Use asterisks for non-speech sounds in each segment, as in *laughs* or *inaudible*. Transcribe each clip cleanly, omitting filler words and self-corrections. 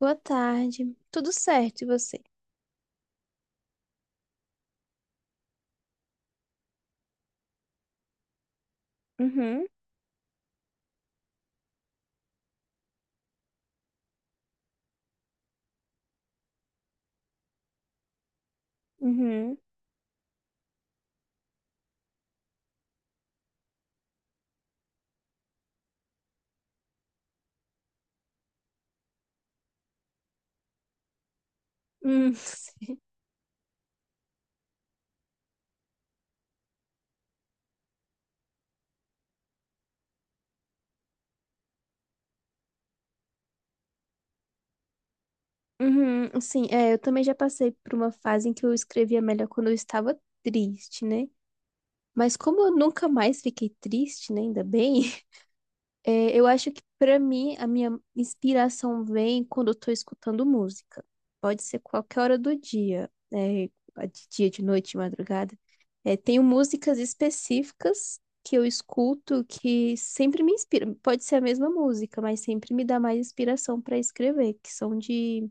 Boa tarde. Tudo certo, e você? Uhum. Uhum. Hum. *laughs* Uhum, sim, é, eu também já passei por uma fase em que eu escrevia melhor quando eu estava triste, né? Mas como eu nunca mais fiquei triste, né? Ainda bem. É, eu acho que pra mim a minha inspiração vem quando eu tô escutando música. Pode ser qualquer hora do dia, né? De dia, de noite, de madrugada. É, tenho músicas específicas que eu escuto que sempre me inspiram. Pode ser a mesma música, mas sempre me dá mais inspiração pra escrever, que são de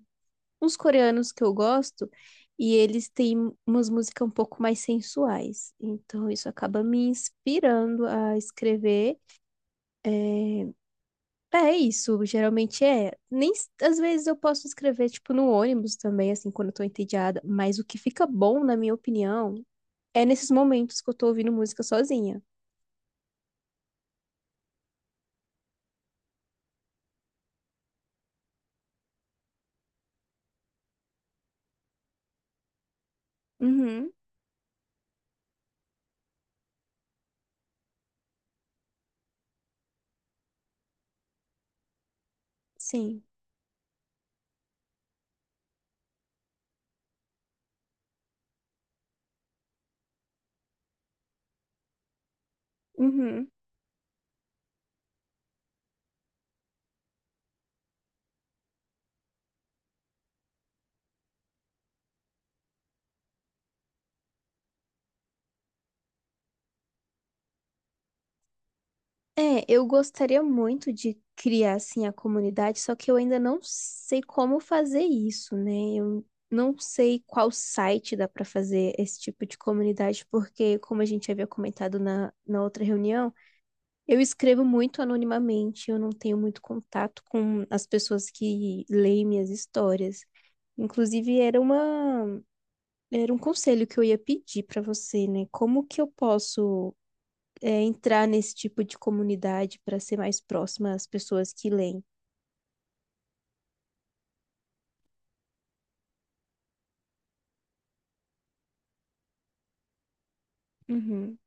uns coreanos que eu gosto e eles têm umas músicas um pouco mais sensuais. Então isso acaba me inspirando a escrever. É, é isso, geralmente é. Nem s- Às vezes eu posso escrever tipo no ônibus também, assim, quando eu tô entediada, mas o que fica bom, na minha opinião, é nesses momentos que eu tô ouvindo música sozinha. Uhum. Sim. Uhum. É, eu gostaria muito de criar assim a comunidade, só que eu ainda não sei como fazer isso, né? Eu não sei qual site dá para fazer esse tipo de comunidade, porque como a gente havia comentado na outra reunião, eu escrevo muito anonimamente, eu não tenho muito contato com as pessoas que leem minhas histórias. Inclusive, era uma, era um conselho que eu ia pedir para você, né? Como que eu posso, é, entrar nesse tipo de comunidade para ser mais próxima às pessoas que leem? Uhum.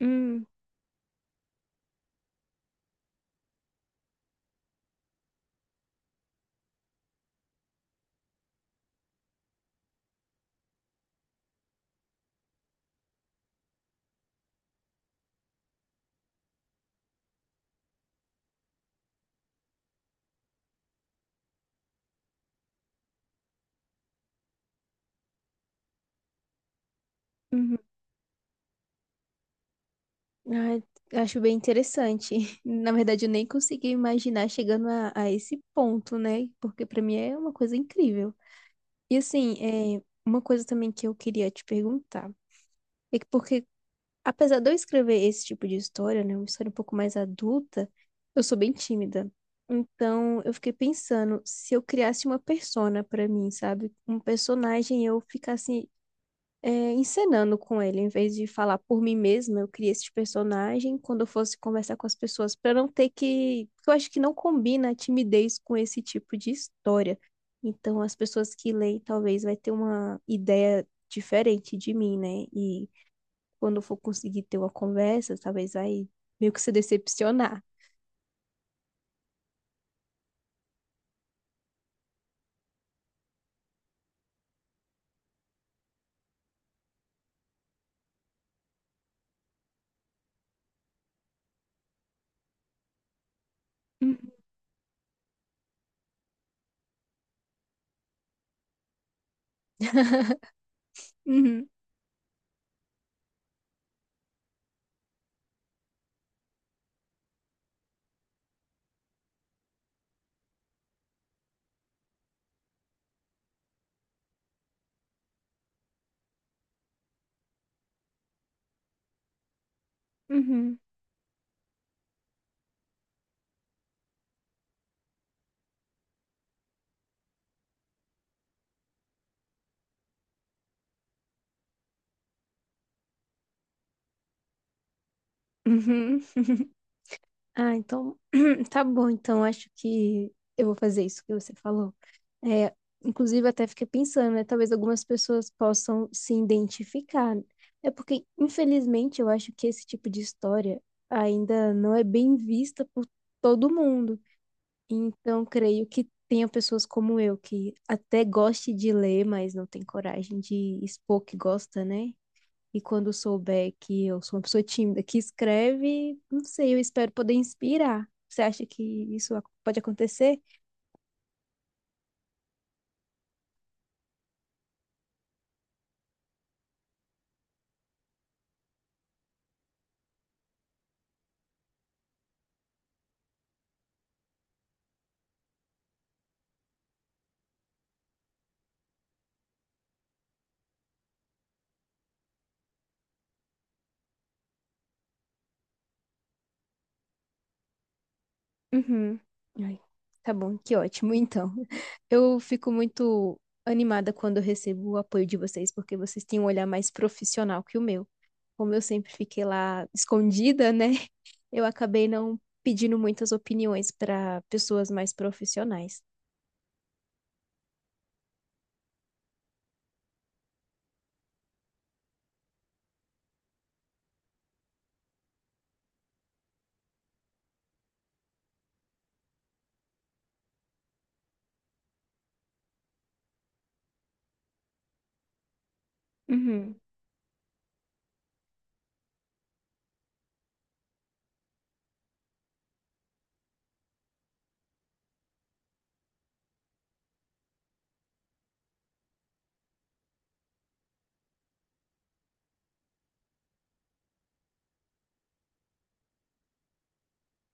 Hum. Uhum. Ah, acho bem interessante. *laughs* Na verdade, eu nem consegui imaginar chegando a esse ponto, né? Porque para mim é uma coisa incrível. E assim, é, uma coisa também que eu queria te perguntar é que porque, apesar de eu escrever esse tipo de história, né, uma história um pouco mais adulta, eu sou bem tímida. Então, eu fiquei pensando se eu criasse uma persona pra mim, sabe? Um personagem e eu ficasse é, encenando com ele. Em vez de falar por mim mesma, eu criei esse personagem quando eu fosse conversar com as pessoas, para não ter que. Porque eu acho que não combina a timidez com esse tipo de história. Então, as pessoas que leem talvez vai ter uma ideia diferente de mim, né? E quando eu for conseguir ter uma conversa, talvez vai meio que se decepcionar. Uhum, uhum, uhum. Uhum. Ah, então *clears throat* tá bom. Então acho que eu vou fazer isso que você falou. É, inclusive até fiquei pensando, né? Talvez algumas pessoas possam se identificar. É porque, infelizmente, eu acho que esse tipo de história ainda não é bem vista por todo mundo. Então, creio que tenha pessoas como eu que até goste de ler, mas não tem coragem de expor que gosta, né? E quando souber que eu sou uma pessoa tímida que escreve, não sei, eu espero poder inspirar. Você acha que pode acontecer? Uhum. Ai, tá bom, que ótimo. Então, *laughs* eu fico muito animada quando eu recebo o apoio de vocês, porque vocês têm um olhar mais profissional que o meu. Como eu sempre fiquei lá escondida, né? *laughs* Eu acabei não pedindo muitas opiniões para pessoas mais profissionais. Uhum.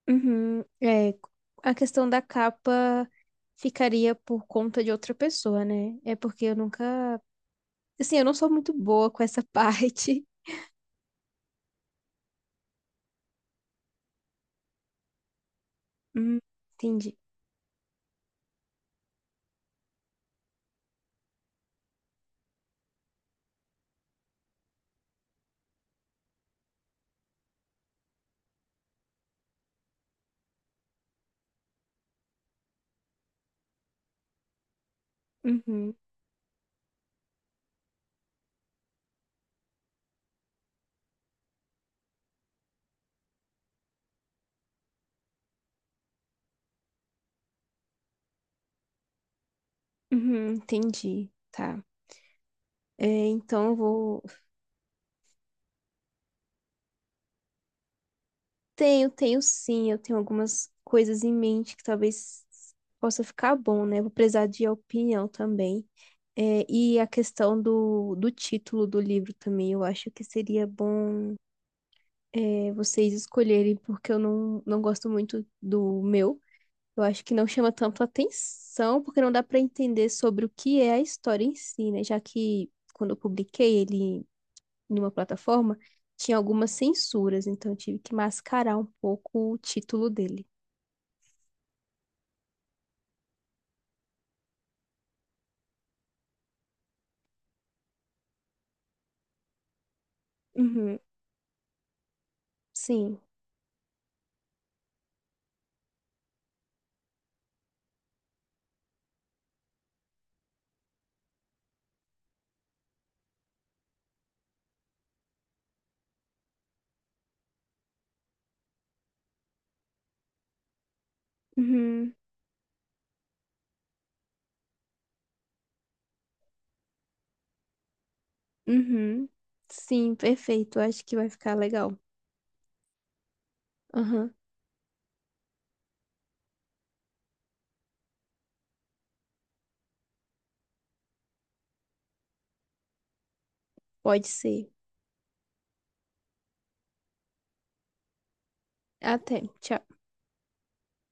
Uhum, é, a questão da capa ficaria por conta de outra pessoa, né? É porque eu nunca. Assim, eu não sou muito boa com essa *laughs* parte. Hum, entendi. Uhum. Uhum, entendi. Tá. É, então eu vou. Tenho, tenho sim. Eu tenho algumas coisas em mente que talvez possa ficar bom, né? Vou precisar de opinião também. É, e a questão do título do livro também, eu acho que seria bom. É, vocês escolherem, porque eu não gosto muito do meu. Eu acho que não chama tanto atenção, porque não dá para entender sobre o que é a história em si, né? Já que quando eu publiquei ele numa plataforma, tinha algumas censuras, então eu tive que mascarar um pouco o título dele. Uhum, sim. Uhum. Uhum. Sim, perfeito. Eu acho que vai ficar legal. Aham, pode ser. Até. Tchau.